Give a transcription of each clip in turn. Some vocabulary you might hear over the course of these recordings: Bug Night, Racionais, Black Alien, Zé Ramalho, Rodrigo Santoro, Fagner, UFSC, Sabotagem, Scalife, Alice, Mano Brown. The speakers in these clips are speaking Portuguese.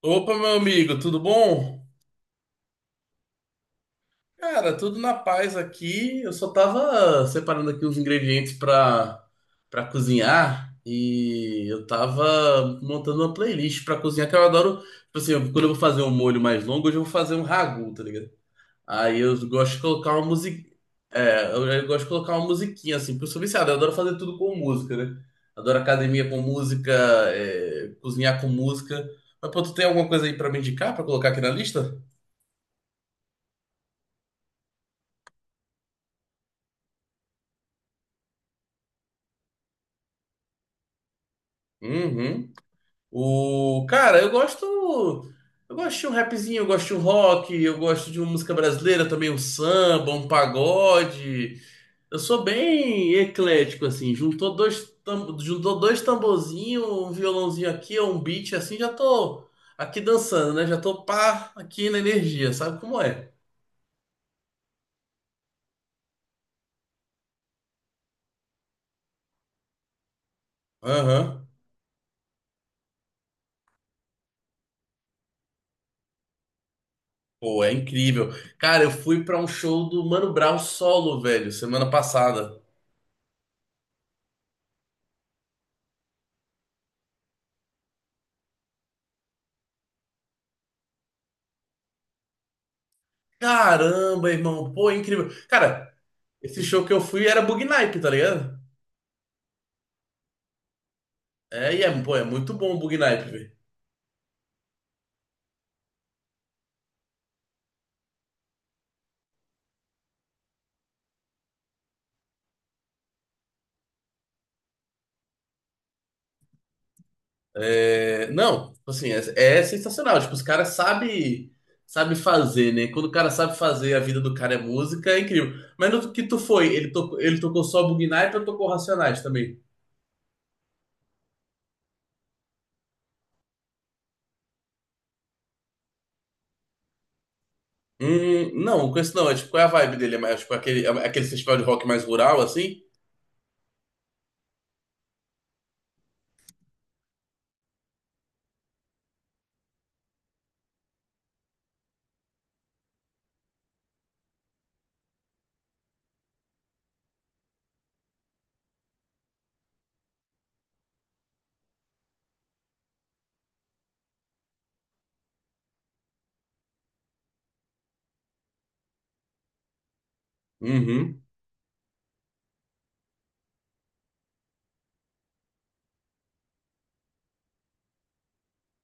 Opa, meu amigo, tudo bom? Cara, tudo na paz aqui. Eu só tava separando aqui os ingredientes pra para cozinhar e eu tava montando uma playlist pra cozinhar que eu adoro. Tipo assim, quando eu vou fazer um molho mais longo, hoje eu vou fazer um ragu, tá ligado? Aí eu gosto de colocar uma musiquinha. É, eu gosto de colocar uma musiquinha assim, porque eu sou viciado, eu adoro fazer tudo com música, né? Adoro academia com música, é, cozinhar com música. Mas pô, tu tem alguma coisa aí pra me indicar pra colocar aqui na lista? Uhum. O cara, eu gosto de um rapzinho, eu gosto de um rock, eu gosto de uma música brasileira também, um samba, um pagode. Eu sou bem eclético assim, juntou dois tamborzinhos, um violãozinho aqui, um beat assim, já tô aqui dançando, né? Já tô pá, aqui na energia, sabe como é? Aham. Pô, é incrível. Cara, eu fui pra um show do Mano Brown solo, velho, semana passada. Caramba, irmão, pô, é incrível. Cara, esse show que eu fui era Bug Night, tá ligado? É, pô, é muito bom o Bug Night, velho. É, não, tipo assim, é, é sensacional. Tipo, os caras sabe fazer, né? Quando o cara sabe fazer, a vida do cara é música, é incrível. Mas no que tu foi? Ele tocou só Bug Night ou tocou Racionais também? Não, com esse não. É, tipo, qual é a vibe dele? É mais, tipo, aquele, é aquele festival de rock mais rural, assim? Uhum.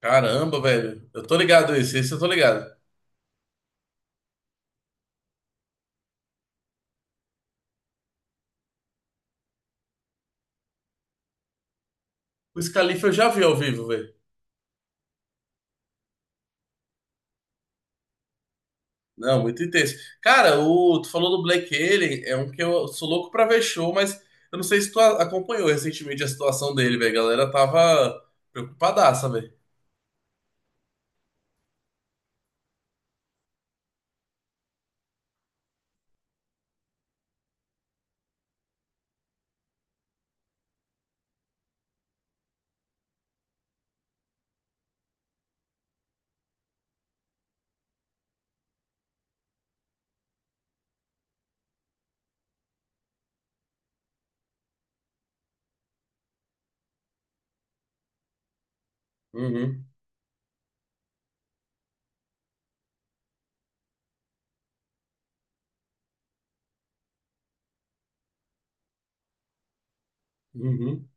Caramba, velho. Eu tô ligado esse, esse eu tô ligado. O Scalife eu já vi ao vivo, velho. Não, muito intenso. Cara, tu falou do Black Alien, é um que eu sou louco pra ver show, mas eu não sei se tu acompanhou recentemente a situação dele, velho. A galera tava preocupadaça, velho. Uhum, uhum.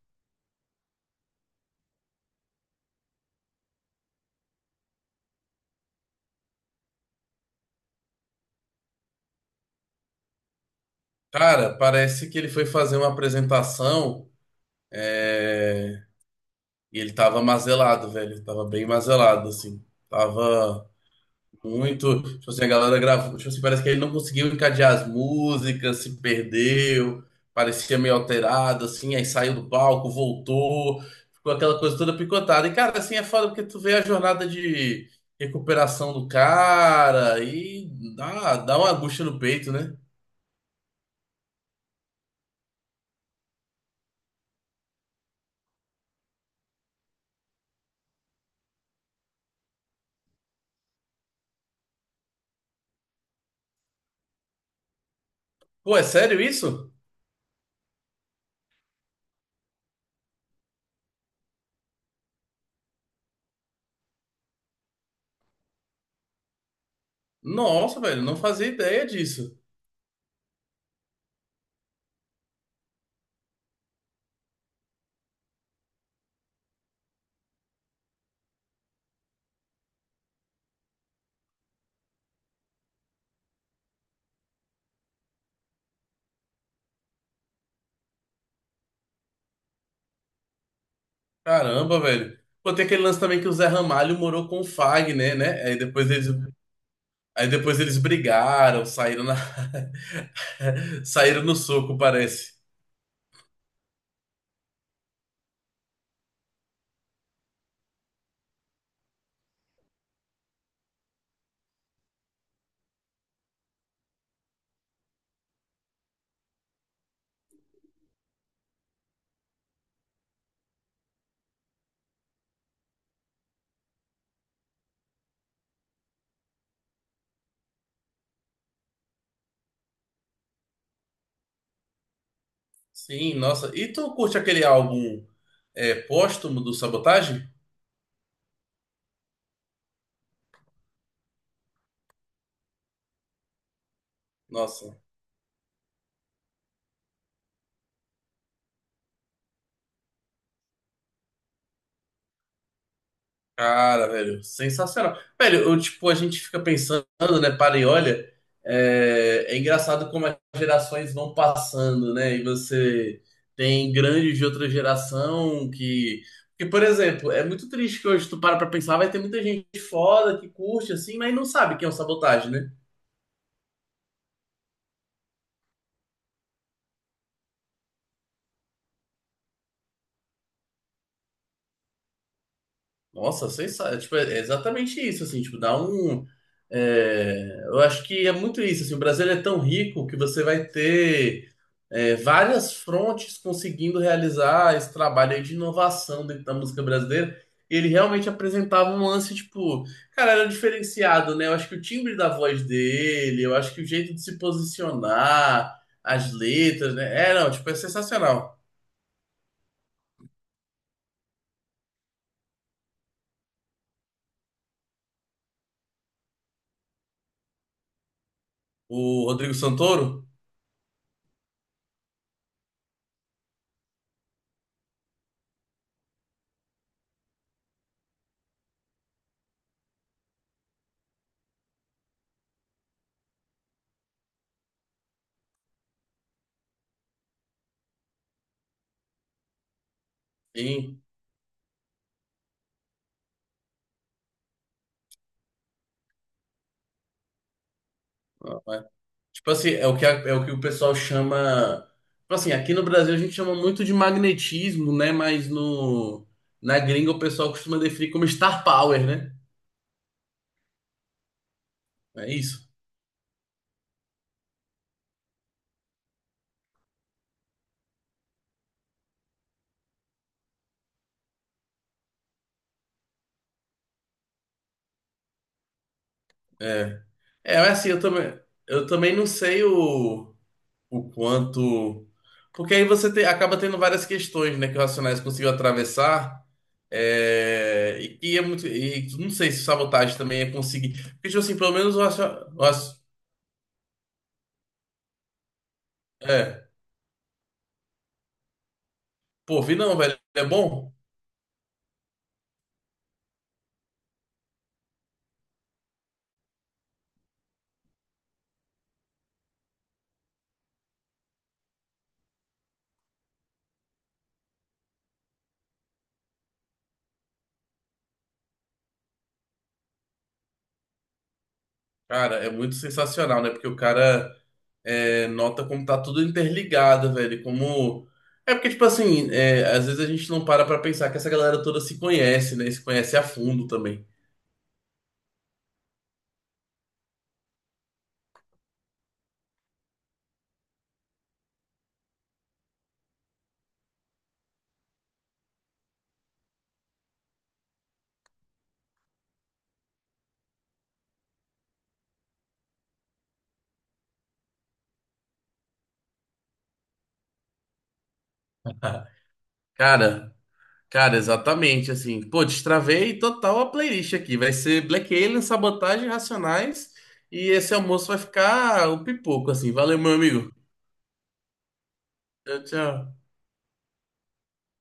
Cara, parece que ele foi fazer uma apresentação, é, e ele tava mazelado, velho. Tava bem mazelado, assim. Tava. Muito, tipo assim, a galera gravou, tipo assim, parece que ele não conseguiu encadear as músicas, se perdeu, parecia meio alterado, assim, aí saiu do palco, voltou, ficou aquela coisa toda picotada. E, cara, assim, é foda porque tu vê a jornada de recuperação do cara e dá uma angústia no peito, né? Pô, é sério isso? Nossa, velho, não fazia ideia disso. Caramba, velho. Pô, tem aquele lance também que o Zé Ramalho morou com o Fagner, né? Aí depois eles brigaram, saíram na... saíram no soco, parece. Sim, nossa. E tu curte aquele álbum é, póstumo do Sabotagem? Nossa, cara, velho, sensacional. Velho, eu, tipo, a gente fica pensando, né? Para e olha, é engraçado como as gerações vão passando, né? E você tem grandes de outra geração que. Porque, por exemplo, é muito triste que hoje tu para pra pensar, vai ter muita gente foda que curte assim, mas não sabe quem é o Sabotagem, né? Nossa, sensacional. Tipo, é exatamente isso, assim, tipo, dá um. É, eu acho que é muito isso, assim, o Brasil é tão rico que você vai ter é, várias frontes conseguindo realizar esse trabalho aí de inovação dentro da música brasileira. E ele realmente apresentava um lance, tipo, cara, era diferenciado, né? Eu acho que o timbre da voz dele, eu acho que o jeito de se posicionar, as letras, né? É, não, tipo, é sensacional. O Rodrigo Santoro? Sim. Ah, tipo assim, é o que o pessoal chama. Tipo assim, aqui no Brasil a gente chama muito de magnetismo, né? Mas no, na gringa o pessoal costuma definir como star power, né? É isso. É. É, mas assim, eu também não sei o quanto. Porque aí acaba tendo várias questões, né? Que o Racionais conseguiu atravessar. É, e que é muito. E não sei se sabotagem também é conseguir. Porque, tipo assim, pelo menos o Racionais. É. Pô, vi não, velho. É bom? Cara, é muito sensacional, né? Porque o cara é, nota como tá tudo interligado, velho. Como. É porque, tipo assim, é, às vezes a gente não para pra pensar que essa galera toda se conhece, né? E se conhece a fundo também. Cara, cara, exatamente, assim. Pô, destravei total a playlist aqui. Vai ser Black Alien, Sabotagem, Racionais. E esse almoço vai ficar o pipoco, assim. Valeu, meu amigo. Tchau, tchau.